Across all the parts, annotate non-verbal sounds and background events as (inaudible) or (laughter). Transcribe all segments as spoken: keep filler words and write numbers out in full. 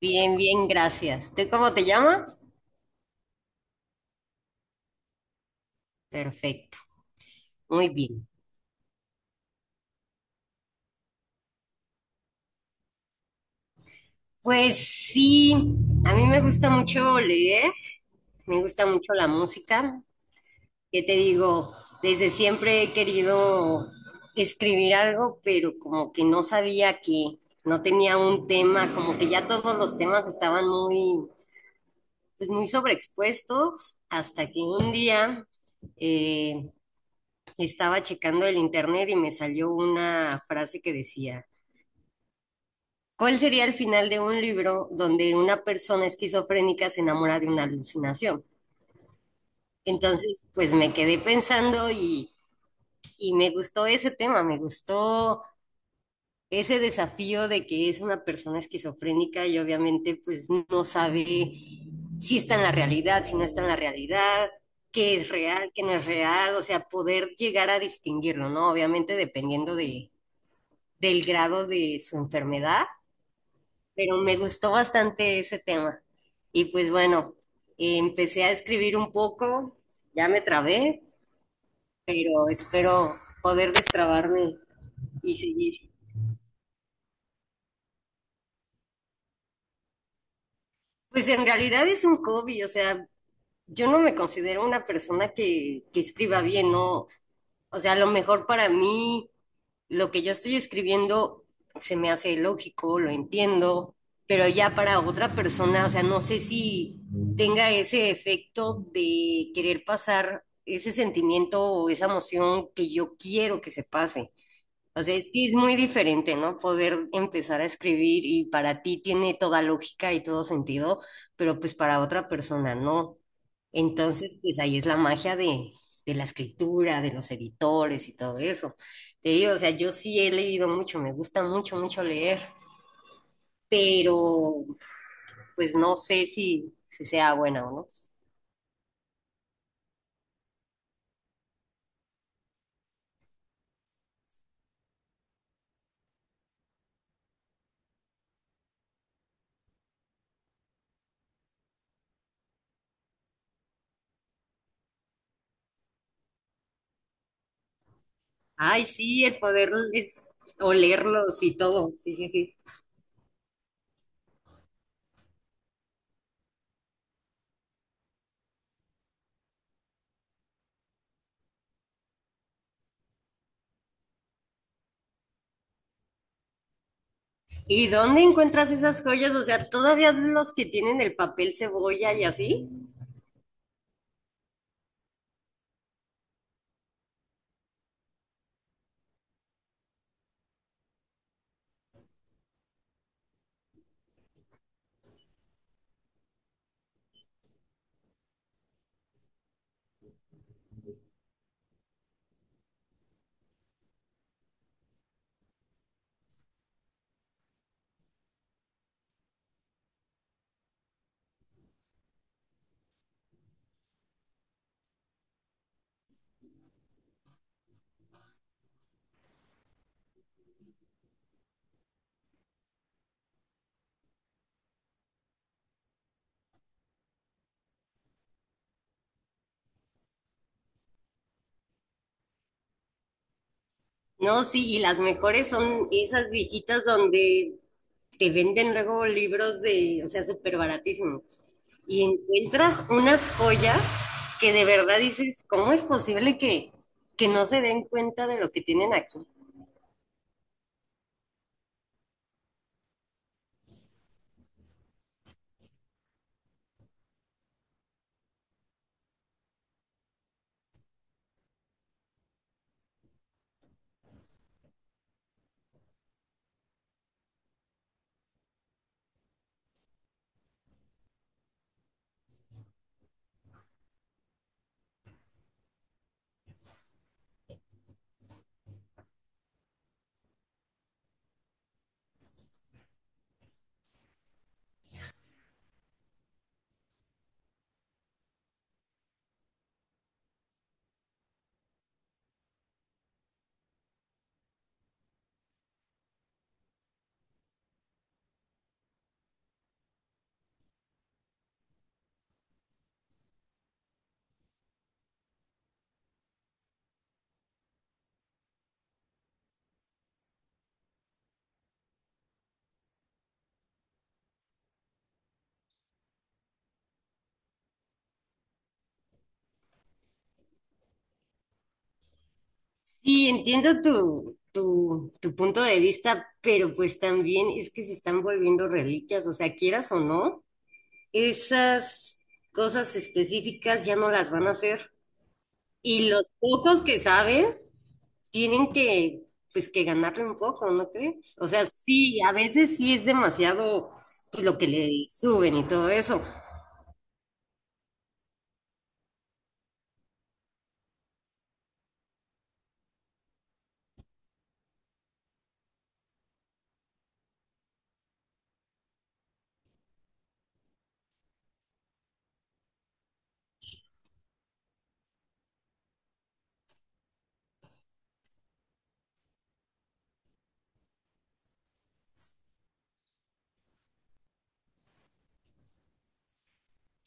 Bien, bien, gracias. ¿Tú cómo te llamas? Perfecto, muy bien. Pues sí, a mí me gusta mucho leer, me gusta mucho la música. ¿Qué te digo? Desde siempre he querido escribir algo, pero como que no sabía que no tenía un tema, como que ya todos los temas estaban muy, pues muy sobreexpuestos, hasta que un día eh, estaba checando el internet y me salió una frase que decía, ¿cuál sería el final de un libro donde una persona esquizofrénica se enamora de una alucinación? Entonces, pues me quedé pensando y, y me gustó ese tema, me gustó ese desafío de que es una persona esquizofrénica y obviamente pues no sabe si está en la realidad, si no está en la realidad, qué es real, qué no es real, o sea, poder llegar a distinguirlo, ¿no? Obviamente dependiendo de, del grado de su enfermedad, pero me gustó bastante ese tema. Y pues bueno, eh, empecé a escribir un poco, ya me trabé, pero espero poder destrabarme y seguir. Pues en realidad es un hobby, o sea, yo no me considero una persona que, que escriba bien, ¿no? O sea, a lo mejor para mí lo que yo estoy escribiendo se me hace lógico, lo entiendo, pero ya para otra persona, o sea, no sé si tenga ese efecto de querer pasar ese sentimiento o esa emoción que yo quiero que se pase. O sea, es que es muy diferente, ¿no? Poder empezar a escribir y para ti tiene toda lógica y todo sentido, pero pues para otra persona no. Entonces, pues ahí es la magia de, de la escritura, de los editores y todo eso. Te digo, o sea, yo sí he leído mucho, me gusta mucho, mucho leer, pero pues no sé si, si sea buena o no. Ay, sí, el poder es olerlos y todo. Sí, sí, sí. ¿Y dónde encuentras esas joyas? O sea, todavía los que tienen el papel cebolla y así. No, sí, y las mejores son esas viejitas donde te venden luego libros de, o sea, súper baratísimos. Y encuentras unas joyas que de verdad dices, ¿cómo es posible que, que no se den cuenta de lo que tienen aquí? Sí, entiendo tu, tu, tu punto de vista, pero pues también es que se están volviendo reliquias, o sea, quieras o no, esas cosas específicas ya no las van a hacer. Y los pocos que saben tienen que, pues, que ganarle un poco, ¿no crees? O sea, sí, a veces sí es demasiado pues, lo que le suben y todo eso.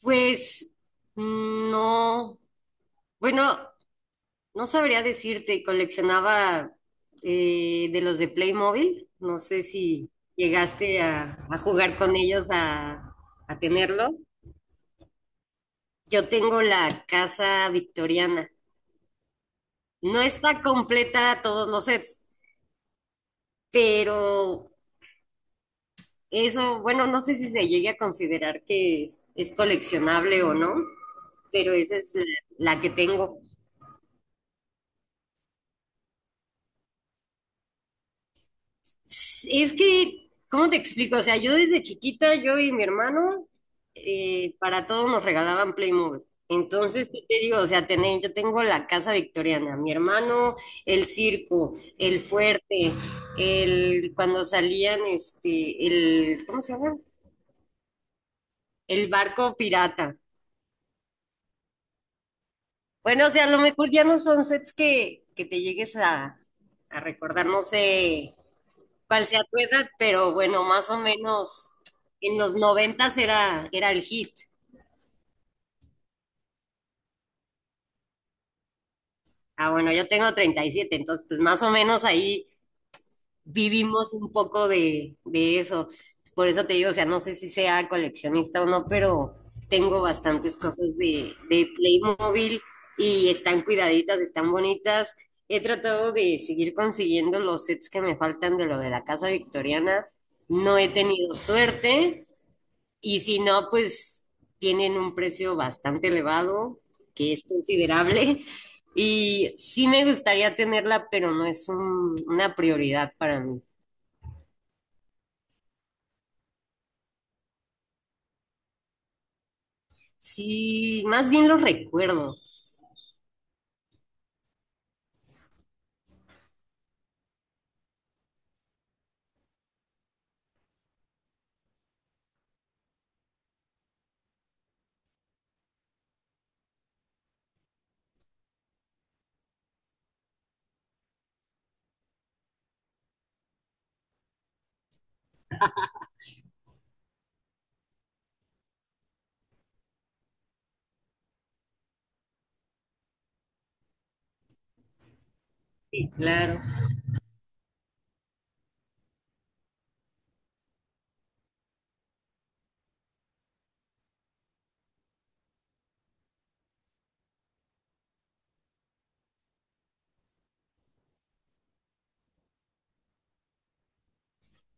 Pues, no, bueno, no sabría decirte, coleccionaba eh, de los de Playmobil, no sé si llegaste a, a jugar con ellos, a, a tenerlo. Yo tengo la casa victoriana. No está completa todos los sets, pero eso, bueno, no sé si se llegue a considerar que es coleccionable o no, pero esa es la la que tengo. Es que, ¿cómo te explico? O sea, yo desde chiquita, yo y mi hermano, eh, para todo nos regalaban Playmobil. Entonces, ¿qué te digo? O sea, tener, yo tengo la casa victoriana, mi hermano, el circo, el fuerte, el, cuando salían, este, el, ¿cómo se llama? El barco pirata. Bueno, o sea, a lo mejor ya no son sets que, que te llegues a, a recordar, no sé, cuál sea tu edad, pero bueno, más o menos en los noventas era, era el hit. Ah, bueno, yo tengo treinta y siete, entonces pues más o menos ahí vivimos un poco de, de eso. Por eso te digo, o sea, no sé si sea coleccionista o no, pero tengo bastantes cosas de, de Playmobil y están cuidaditas, están bonitas. He tratado de seguir consiguiendo los sets que me faltan de lo de la casa victoriana. No he tenido suerte, Y si no, pues tienen un precio bastante elevado, que es considerable. (laughs) Y sí me gustaría tenerla, pero no es un- una prioridad para mí. Sí, más bien los recuerdos. Sí. Claro.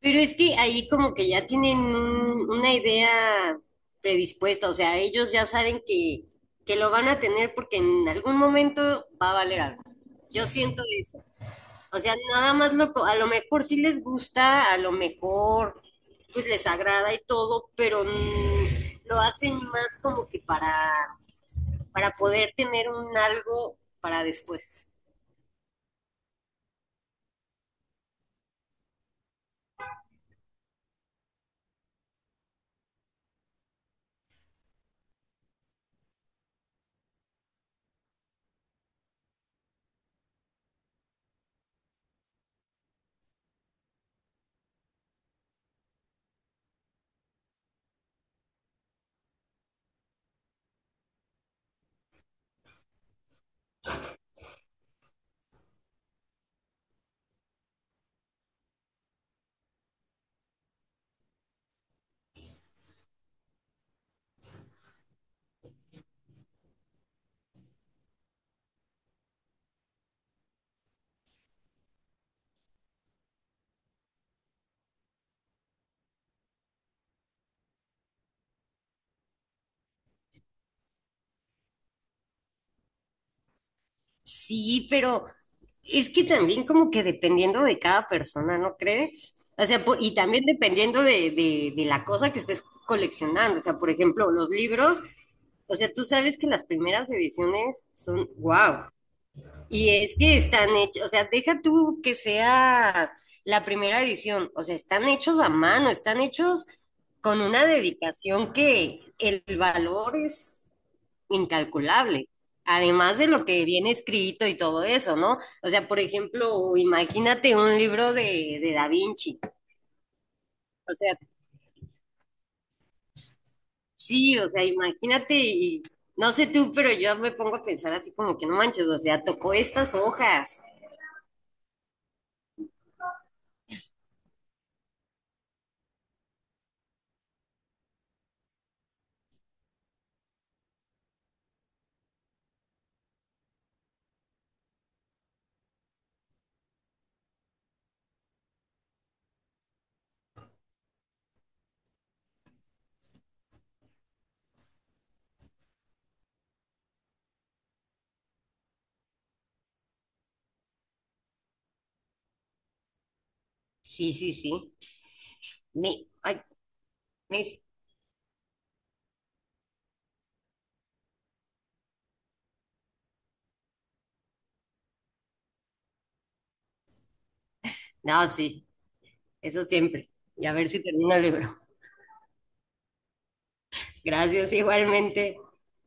Pero es que ahí como que ya tienen un- una idea predispuesta, o sea, ellos ya saben que, que lo van a tener porque en algún momento va a valer algo. Yo siento eso. O sea, nada más lo, co- a lo mejor sí les gusta, a lo mejor pues les agrada y todo, pero mm, lo hacen más como que para, para poder tener un algo para después. Sí, pero es que también como que dependiendo de cada persona, ¿no crees? O sea, por- y también dependiendo de, de, de la cosa que estés coleccionando. O sea, por ejemplo, los libros, o sea, tú sabes que las primeras ediciones son wow. Y es que están hechos, o sea, deja tú que sea la primera edición, o sea, están hechos a mano, están hechos con una dedicación que el valor es incalculable, además de lo que viene escrito y todo eso, ¿no? O sea, por ejemplo, imagínate un libro de, de Da Vinci, o sea, sí, o sea, imagínate y no sé tú, pero yo me pongo a pensar así como que no manches, o sea, tocó estas hojas. Sí, sí, sí. Me, ay, me No, sí, eso siempre. Y a ver si termino el libro. (laughs) Gracias igualmente.